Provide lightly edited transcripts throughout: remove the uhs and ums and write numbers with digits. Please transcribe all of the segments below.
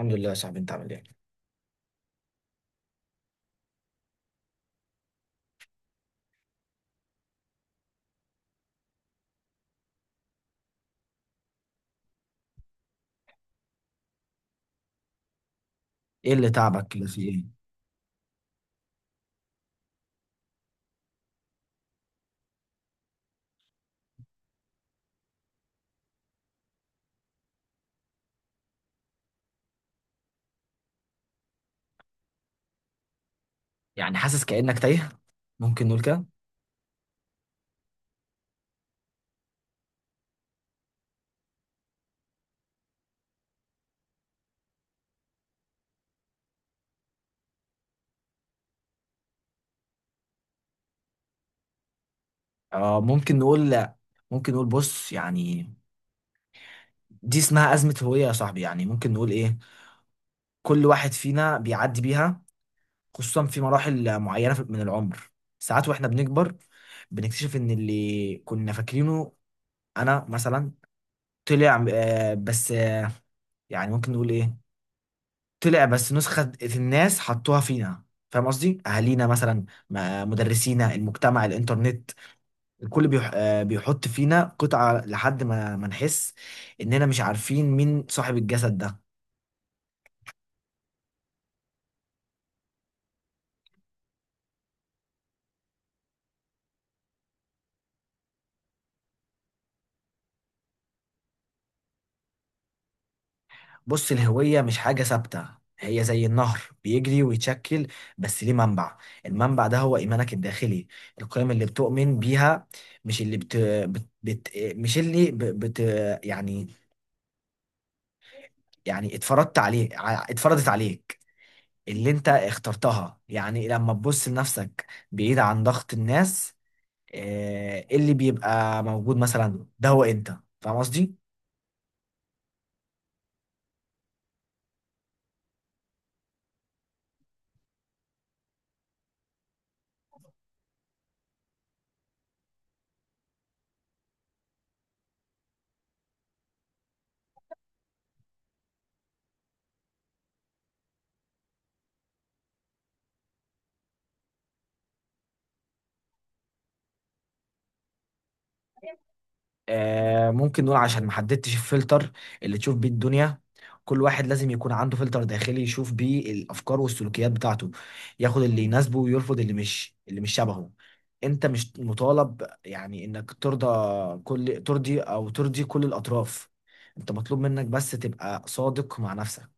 الحمد لله يا صاحبي، انت عامل ايه؟ ايه اللي تعبك كده، في ايه؟ يعني حاسس كأنك تايه؟ ممكن نقول كده؟ اه، ممكن نقول لا. ممكن نقول بص، يعني دي اسمها أزمة هوية يا صاحبي. يعني ممكن نقول ايه؟ كل واحد فينا بيعدي بيها، خصوصا في مراحل معينة من العمر. ساعات واحنا بنكبر، بنكتشف ان اللي كنا فاكرينه انا مثلا طلع، آه، بس آه، يعني ممكن نقول ايه؟ طلع بس نسخة الناس حطوها فينا. فاهم قصدي؟ أهالينا مثلا، مدرسينا، المجتمع، الإنترنت. الكل بيحط فينا قطعة لحد ما نحس إننا مش عارفين مين صاحب الجسد ده. بص، الهوية مش حاجة ثابتة. هي زي النهر بيجري ويتشكل، بس ليه منبع. المنبع ده هو إيمانك الداخلي، القيم اللي بتؤمن بيها، مش اللي بت... بت... بت... مش اللي ب... بت... يعني اتفرضت عليك. اللي انت اخترتها، يعني لما تبص لنفسك بعيد عن ضغط الناس، اللي بيبقى موجود مثلا ده هو انت. فاهم قصدي؟ ممكن نقول عشان ما حددتش الفلتر اللي تشوف بيه الدنيا. كل واحد لازم يكون عنده فلتر داخلي يشوف بيه الافكار والسلوكيات بتاعته. ياخد اللي يناسبه ويرفض اللي مش شبهه. انت مش مطالب يعني انك ترضى كل ترضي او ترضي كل الاطراف. انت مطلوب منك بس تبقى صادق مع نفسك.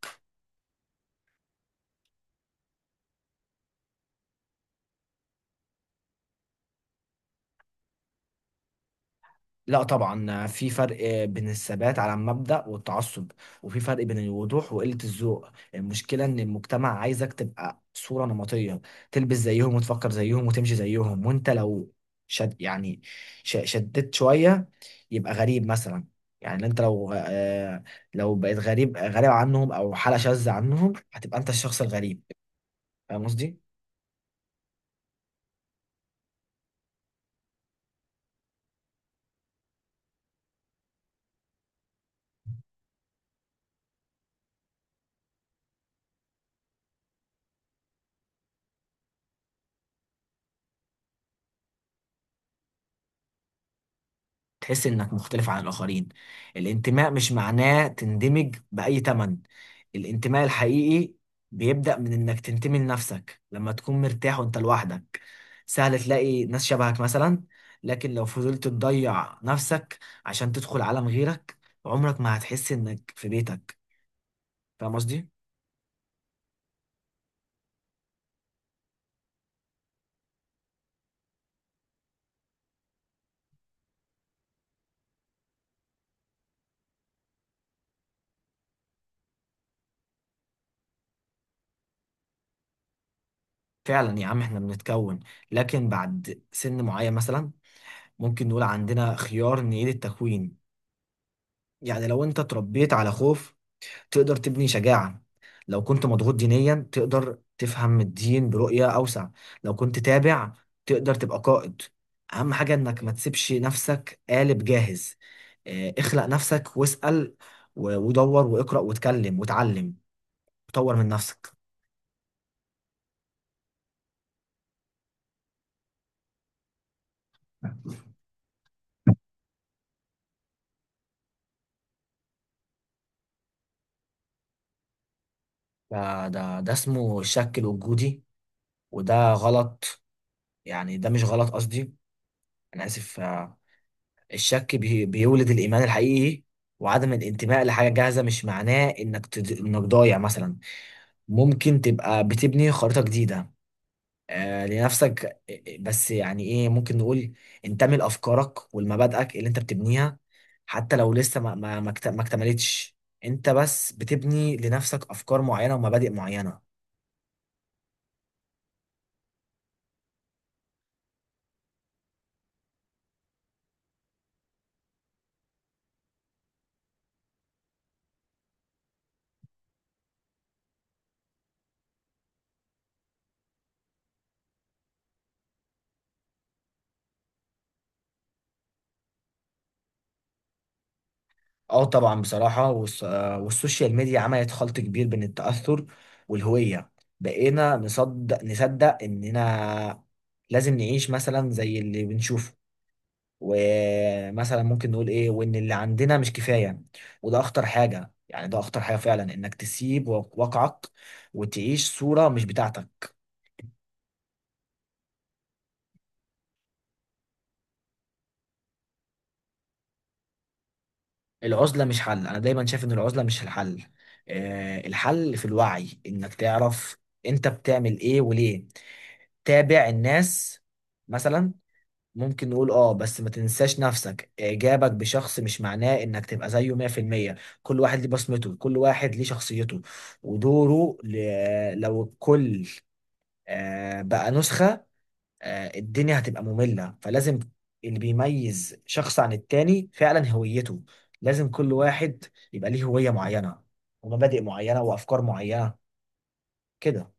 لا طبعا، في فرق بين الثبات على المبدأ والتعصب، وفي فرق بين الوضوح وقلة الذوق. المشكلة ان المجتمع عايزك تبقى صورة نمطية، تلبس زيهم وتفكر زيهم وتمشي زيهم. وانت لو شد يعني شددت شوية يبقى غريب مثلا. يعني انت لو، لو بقيت غريب غريب عنهم او حالة شاذة عنهم، هتبقى انت الشخص الغريب. فاهم قصدي؟ تحس انك مختلف عن الاخرين. الانتماء مش معناه تندمج باي تمن. الانتماء الحقيقي بيبدأ من انك تنتمي لنفسك. لما تكون مرتاح وانت لوحدك، سهل تلاقي ناس شبهك مثلا. لكن لو فضلت تضيع نفسك عشان تدخل عالم غيرك، عمرك ما هتحس انك في بيتك. فاهم قصدي؟ فعلا يا عم، احنا بنتكون، لكن بعد سن معين مثلا ممكن نقول عندنا خيار نعيد التكوين. يعني لو انت اتربيت على خوف، تقدر تبني شجاعة. لو كنت مضغوط دينيا، تقدر تفهم الدين برؤية أوسع. لو كنت تابع، تقدر تبقى قائد. أهم حاجة إنك ما تسيبش نفسك قالب جاهز. اخلق نفسك، واسأل ودور واقرأ واتكلم واتعلم وطور من نفسك. ده اسمه الشك الوجودي. وده غلط، يعني ده مش غلط قصدي، أنا آسف. الشك بيولد الإيمان الحقيقي. وعدم الانتماء لحاجة جاهزة مش معناه إنك ضايع مثلا. ممكن تبقى بتبني خريطة جديدة لنفسك. بس يعني إيه ممكن نقول، انتمي لأفكارك ولمبادئك اللي أنت بتبنيها، حتى لو لسه ما اكتملتش. أنت بس بتبني لنفسك أفكار معينة ومبادئ معينة. اه طبعا، بصراحة والسوشيال ميديا عملت خلط كبير بين التأثر والهوية. بقينا نصدق إننا لازم نعيش مثلا زي اللي بنشوفه، ومثلا ممكن نقول إيه، وإن اللي عندنا مش كفاية. وده أخطر حاجة، يعني ده أخطر حاجة فعلا إنك تسيب واقعك وتعيش صورة مش بتاعتك. العزلة مش حل. أنا دايما شايف إن العزلة مش الحل. الحل في الوعي، إنك تعرف أنت بتعمل إيه وليه. تابع الناس مثلا، ممكن نقول اه، بس ما تنساش نفسك. اعجابك بشخص مش معناه انك تبقى زيه 100%. كل واحد ليه بصمته، كل واحد ليه شخصيته ودوره. لو الكل بقى نسخة، الدنيا هتبقى مملة. فلازم اللي بيميز شخص عن التاني فعلا هويته. لازم كل واحد يبقى ليه هوية معينة ومبادئ معينة وأفكار معينة كده.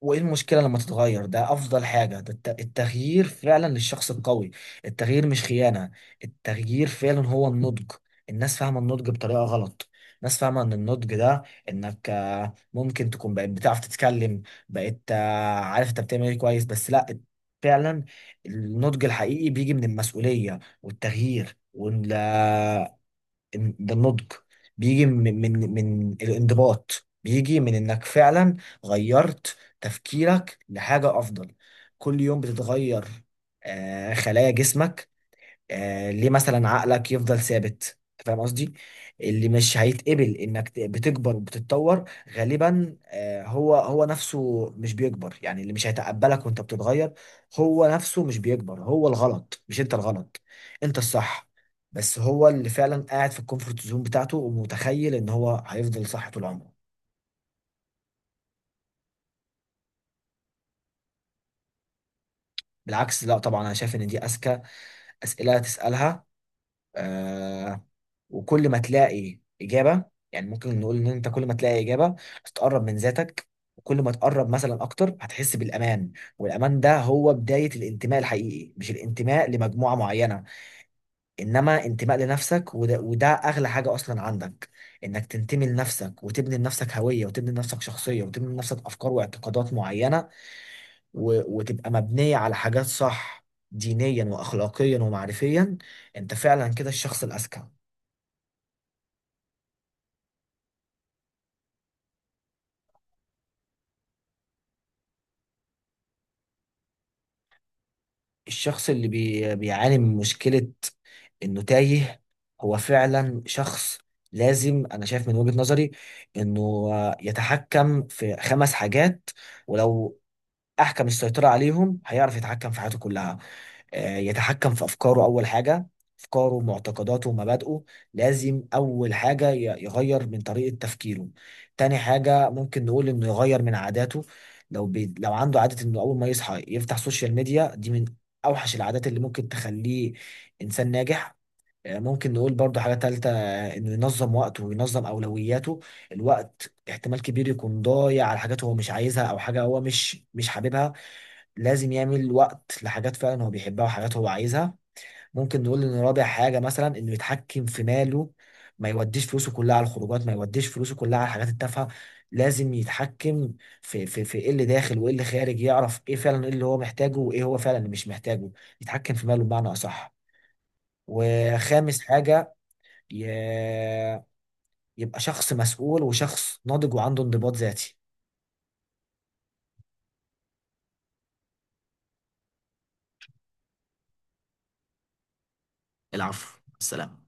وايه المشكلة لما تتغير؟ ده افضل حاجة. ده التغيير فعلا للشخص القوي. التغيير مش خيانة، التغيير فعلا هو النضج. الناس فاهمة النضج بطريقة غلط. الناس فاهمة ان النضج ده انك، ممكن تكون بقيت بتعرف تتكلم، بقيت عارف انت بتعمل ايه كويس. بس لا، فعلا النضج الحقيقي بيجي من المسؤولية والتغيير. ده النضج، بيجي من الانضباط، بيجي من انك فعلا غيرت تفكيرك لحاجة افضل. كل يوم بتتغير خلايا جسمك، ليه مثلا عقلك يفضل ثابت؟ انت فاهم قصدي؟ اللي مش هيتقبل انك بتكبر وبتتطور، غالبا هو هو نفسه مش بيكبر. يعني اللي مش هيتقبلك وانت بتتغير، هو نفسه مش بيكبر. هو الغلط، مش انت الغلط. انت الصح، بس هو اللي فعلا قاعد في الكومفورت زون بتاعته ومتخيل ان هو هيفضل صح طول عمره. بالعكس، لا طبعا، انا شايف ان دي اذكى اسئله تسالها. آه، وكل ما تلاقي إجابة، يعني ممكن نقول إن أنت كل ما تلاقي إجابة هتقرب من ذاتك. وكل ما تقرب مثلا أكتر، هتحس بالأمان. والأمان ده هو بداية الانتماء الحقيقي، مش الانتماء لمجموعة معينة، إنما انتماء لنفسك. وده أغلى حاجة أصلا عندك، إنك تنتمي لنفسك وتبني لنفسك هوية، وتبني لنفسك شخصية، وتبني لنفسك أفكار واعتقادات معينة وتبقى مبنية على حاجات صح، دينيا وأخلاقيا ومعرفيا. أنت فعلا كده الشخص الأذكى. الشخص اللي بيعاني من مشكلة انه تايه، هو فعلا شخص لازم، انا شايف من وجهة نظري، انه يتحكم في خمس حاجات. ولو احكم السيطره عليهم، هيعرف يتحكم في حياته كلها. يتحكم في افكاره اول حاجه. افكاره، معتقداته ومبادئه. لازم اول حاجه يغير من طريقه تفكيره. تاني حاجه ممكن نقول انه يغير من عاداته. لو عنده عاده انه اول ما يصحى يفتح سوشيال ميديا، دي من اوحش العادات اللي ممكن تخليه انسان ناجح. ممكن نقول برضو حاجة تالتة، انه ينظم وقته وينظم اولوياته. الوقت احتمال كبير يكون ضايع على حاجات هو مش عايزها، او حاجة هو مش حاببها. لازم يعمل وقت لحاجات فعلا هو بيحبها وحاجات هو عايزها. ممكن نقول ان رابع حاجة مثلا انه يتحكم في ماله. ما يوديش فلوسه كلها على الخروجات، ما يوديش فلوسه كلها على الحاجات التافهة. لازم يتحكم في ايه اللي داخل وايه اللي خارج. يعرف ايه فعلا، ايه اللي هو محتاجه وايه هو فعلا اللي مش محتاجه. يتحكم في ماله بمعنى اصح. وخامس حاجة ي... يبقى شخص مسؤول وشخص ناضج وعنده انضباط ذاتي. العفو، السلام.